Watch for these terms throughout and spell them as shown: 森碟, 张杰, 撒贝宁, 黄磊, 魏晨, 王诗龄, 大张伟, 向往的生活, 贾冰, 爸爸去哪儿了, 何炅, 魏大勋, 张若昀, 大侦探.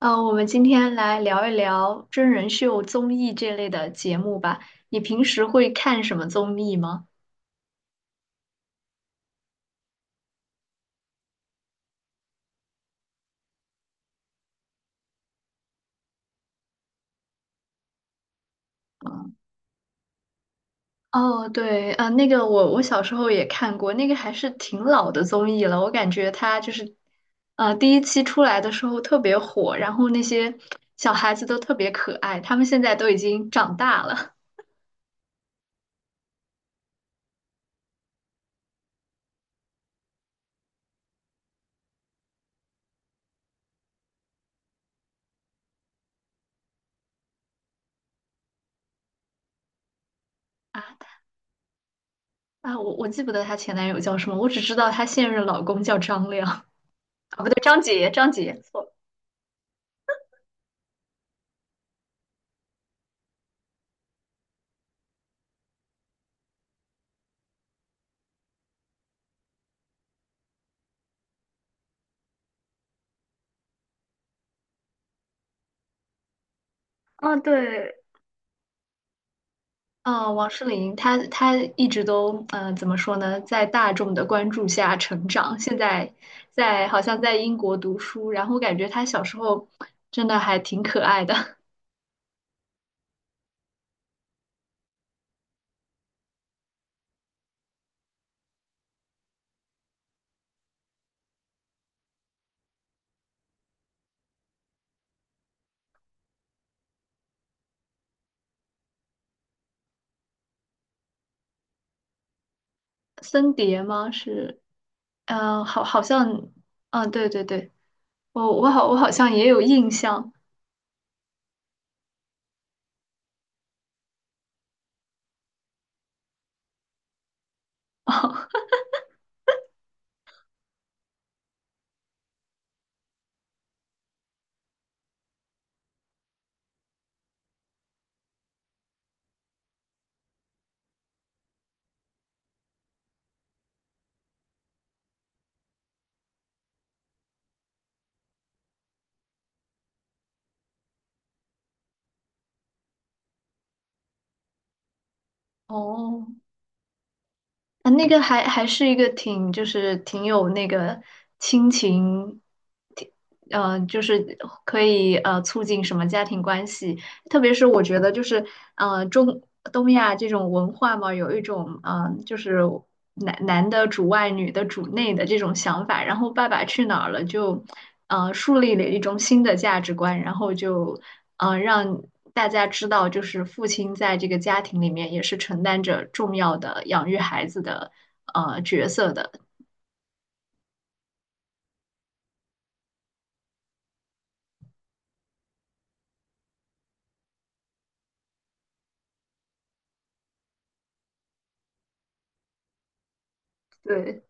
我们今天来聊一聊真人秀、综艺这类的节目吧。你平时会看什么综艺吗？哦，对，啊、那个我小时候也看过，那个还是挺老的综艺了。我感觉它就是，第一期出来的时候特别火，然后那些小孩子都特别可爱，他们现在都已经长大了 啊啊！我记不得她前男友叫什么，我只知道她现任老公叫张亮啊，不对，张杰，错了。啊，对，嗯，王诗龄，她一直都，怎么说呢，在大众的关注下成长。现在好像在英国读书，然后感觉她小时候真的还挺可爱的。森碟吗？是，嗯，好，好像，嗯，对对对，我好像也有印象。哦，啊，那个还是一个挺，就是挺有那个亲情，挺就是可以促进什么家庭关系，特别是我觉得就是呃中东亚这种文化嘛，有一种就是男的主外，女的主内的这种想法。然后《爸爸去哪儿了》就，树立了一种新的价值观，然后就，让大家知道，就是父亲在这个家庭里面也是承担着重要的养育孩子的角色的。对。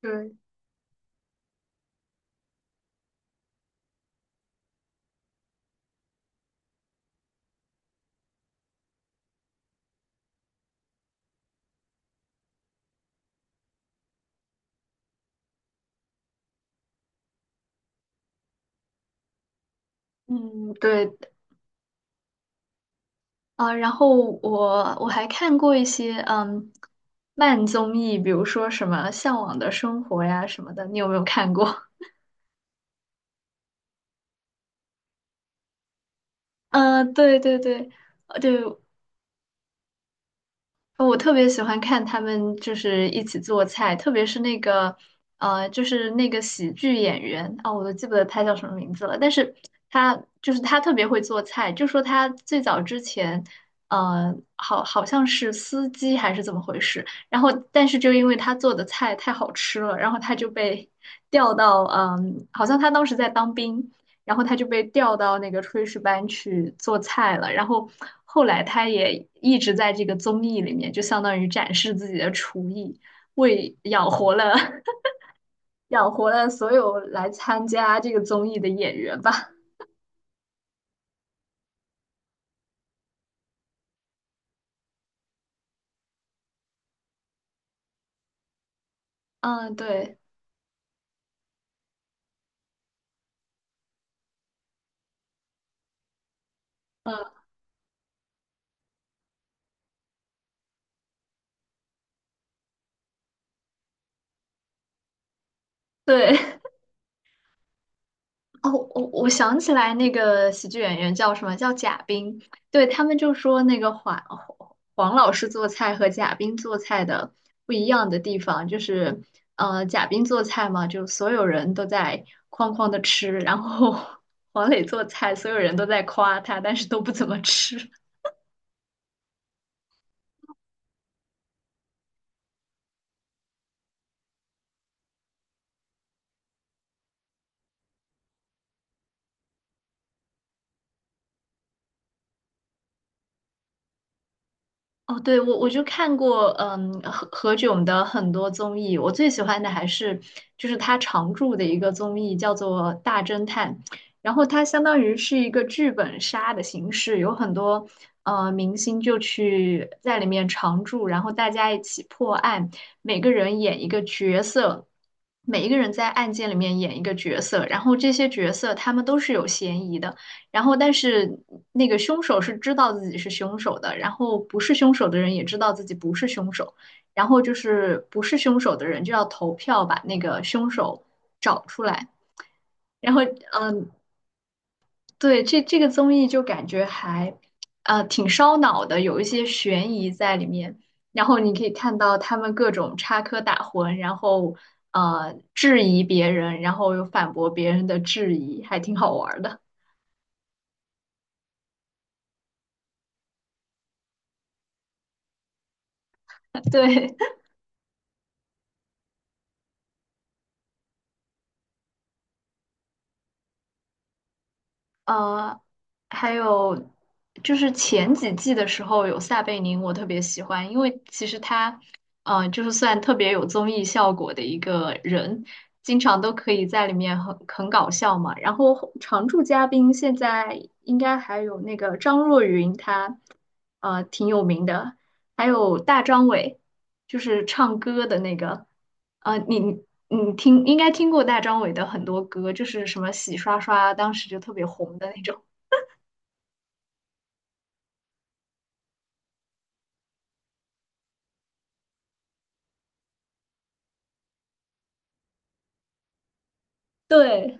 对，嗯，对，啊、然后我还看过一些慢综艺，比如说什么《向往的生活》呀什么的，你有没有看过？嗯，对对对，对，我特别喜欢看他们就是一起做菜，特别是那个就是那个喜剧演员啊、我都记不得他叫什么名字了，但是他就是他特别会做菜，就说他最早之前，好像是司机还是怎么回事，然后但是就因为他做的菜太好吃了，然后他就被 调到好像他当时在当兵，然后他就被调到那个炊事班去做菜了。然后后来他也一直在这个综艺里面，就相当于展示自己的厨艺，为养活了 养活了所有来参加这个综艺的演员吧。嗯，对，嗯，对。哦，我想起来那个喜剧演员叫什么？叫贾冰。对，他们就说那个黄老师做菜和贾冰做菜的不一样的地方，就是贾冰做菜嘛，就所有人都在哐哐的吃，然后 黄磊做菜，所有人都在夸他，但是都不怎么吃。哦，对，我就看过，嗯，何炅的很多综艺，我最喜欢的还是就是他常驻的一个综艺叫做《大侦探》，然后它相当于是一个剧本杀的形式，有很多明星就去在里面常驻，然后大家一起破案，每个人演一个角色，每一个人在案件里面演一个角色，然后这些角色他们都是有嫌疑的。然后但是那个凶手是知道自己是凶手的，然后不是凶手的人也知道自己不是凶手，然后就是不是凶手的人就要投票把那个凶手找出来。然后，嗯，对，这个综艺就感觉还，挺烧脑的，有一些悬疑在里面。然后你可以看到他们各种插科打诨，然后质疑别人，然后又反驳别人的质疑，还挺好玩儿的。对。呃，还有就是前几季的时候有撒贝宁，我特别喜欢，因为其实他，就是算特别有综艺效果的一个人，经常都可以在里面很搞笑嘛。然后常驻嘉宾现在应该还有那个张若昀，他挺有名的，还有大张伟，就是唱歌的那个。呃，你你你听应该听过大张伟的很多歌，就是什么洗刷刷，当时就特别红的那种。对，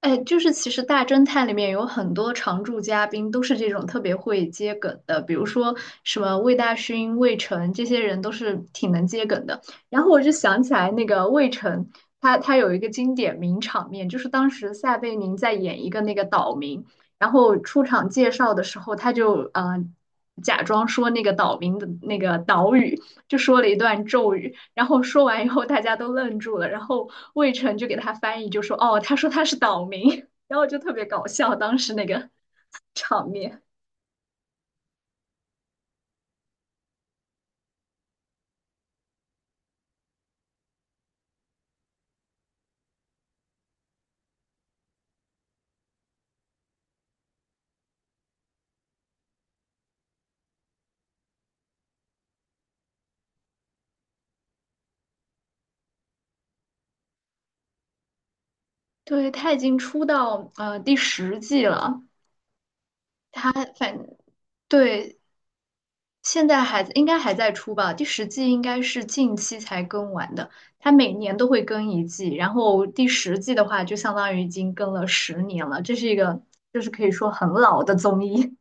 哎，就是其实《大侦探》里面有很多常驻嘉宾都是这种特别会接梗的，比如说什么魏大勋、魏晨这些人都是挺能接梗的。然后我就想起来那个魏晨，他有一个经典名场面，就是当时撒贝宁在演一个那个岛民，然后出场介绍的时候，他就假装说那个岛民的那个岛语，就说了一段咒语，然后说完以后，大家都愣住了，然后魏晨就给他翻译，就说："哦，他说他是岛民。然后就特别搞笑，当时那个场面。对，他已经出到第十季了，他反对现在还应该还在出吧，第十季应该是近期才更完的，他每年都会更一季，然后第十季的话就相当于已经更了10年了，这是一个就是可以说很老的综艺。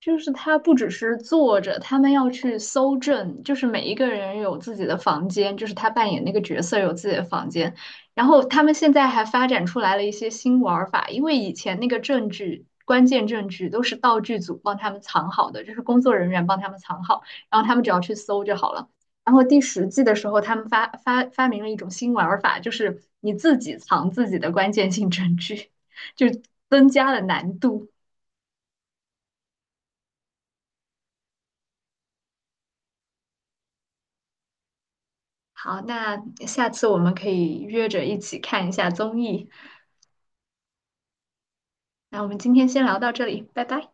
就是他不只是坐着，他们要去搜证，就是每一个人有自己的房间，就是他扮演那个角色有自己的房间。然后他们现在还发展出来了一些新玩儿法，因为以前那个证据、关键证据都是道具组帮他们藏好的，就是工作人员帮他们藏好，然后他们只要去搜就好了。然后第十季的时候，他们发明了一种新玩儿法，就是你自己藏自己的关键性证据，就增加了难度。好，那下次我们可以约着一起看一下综艺。那我们今天先聊到这里，拜拜。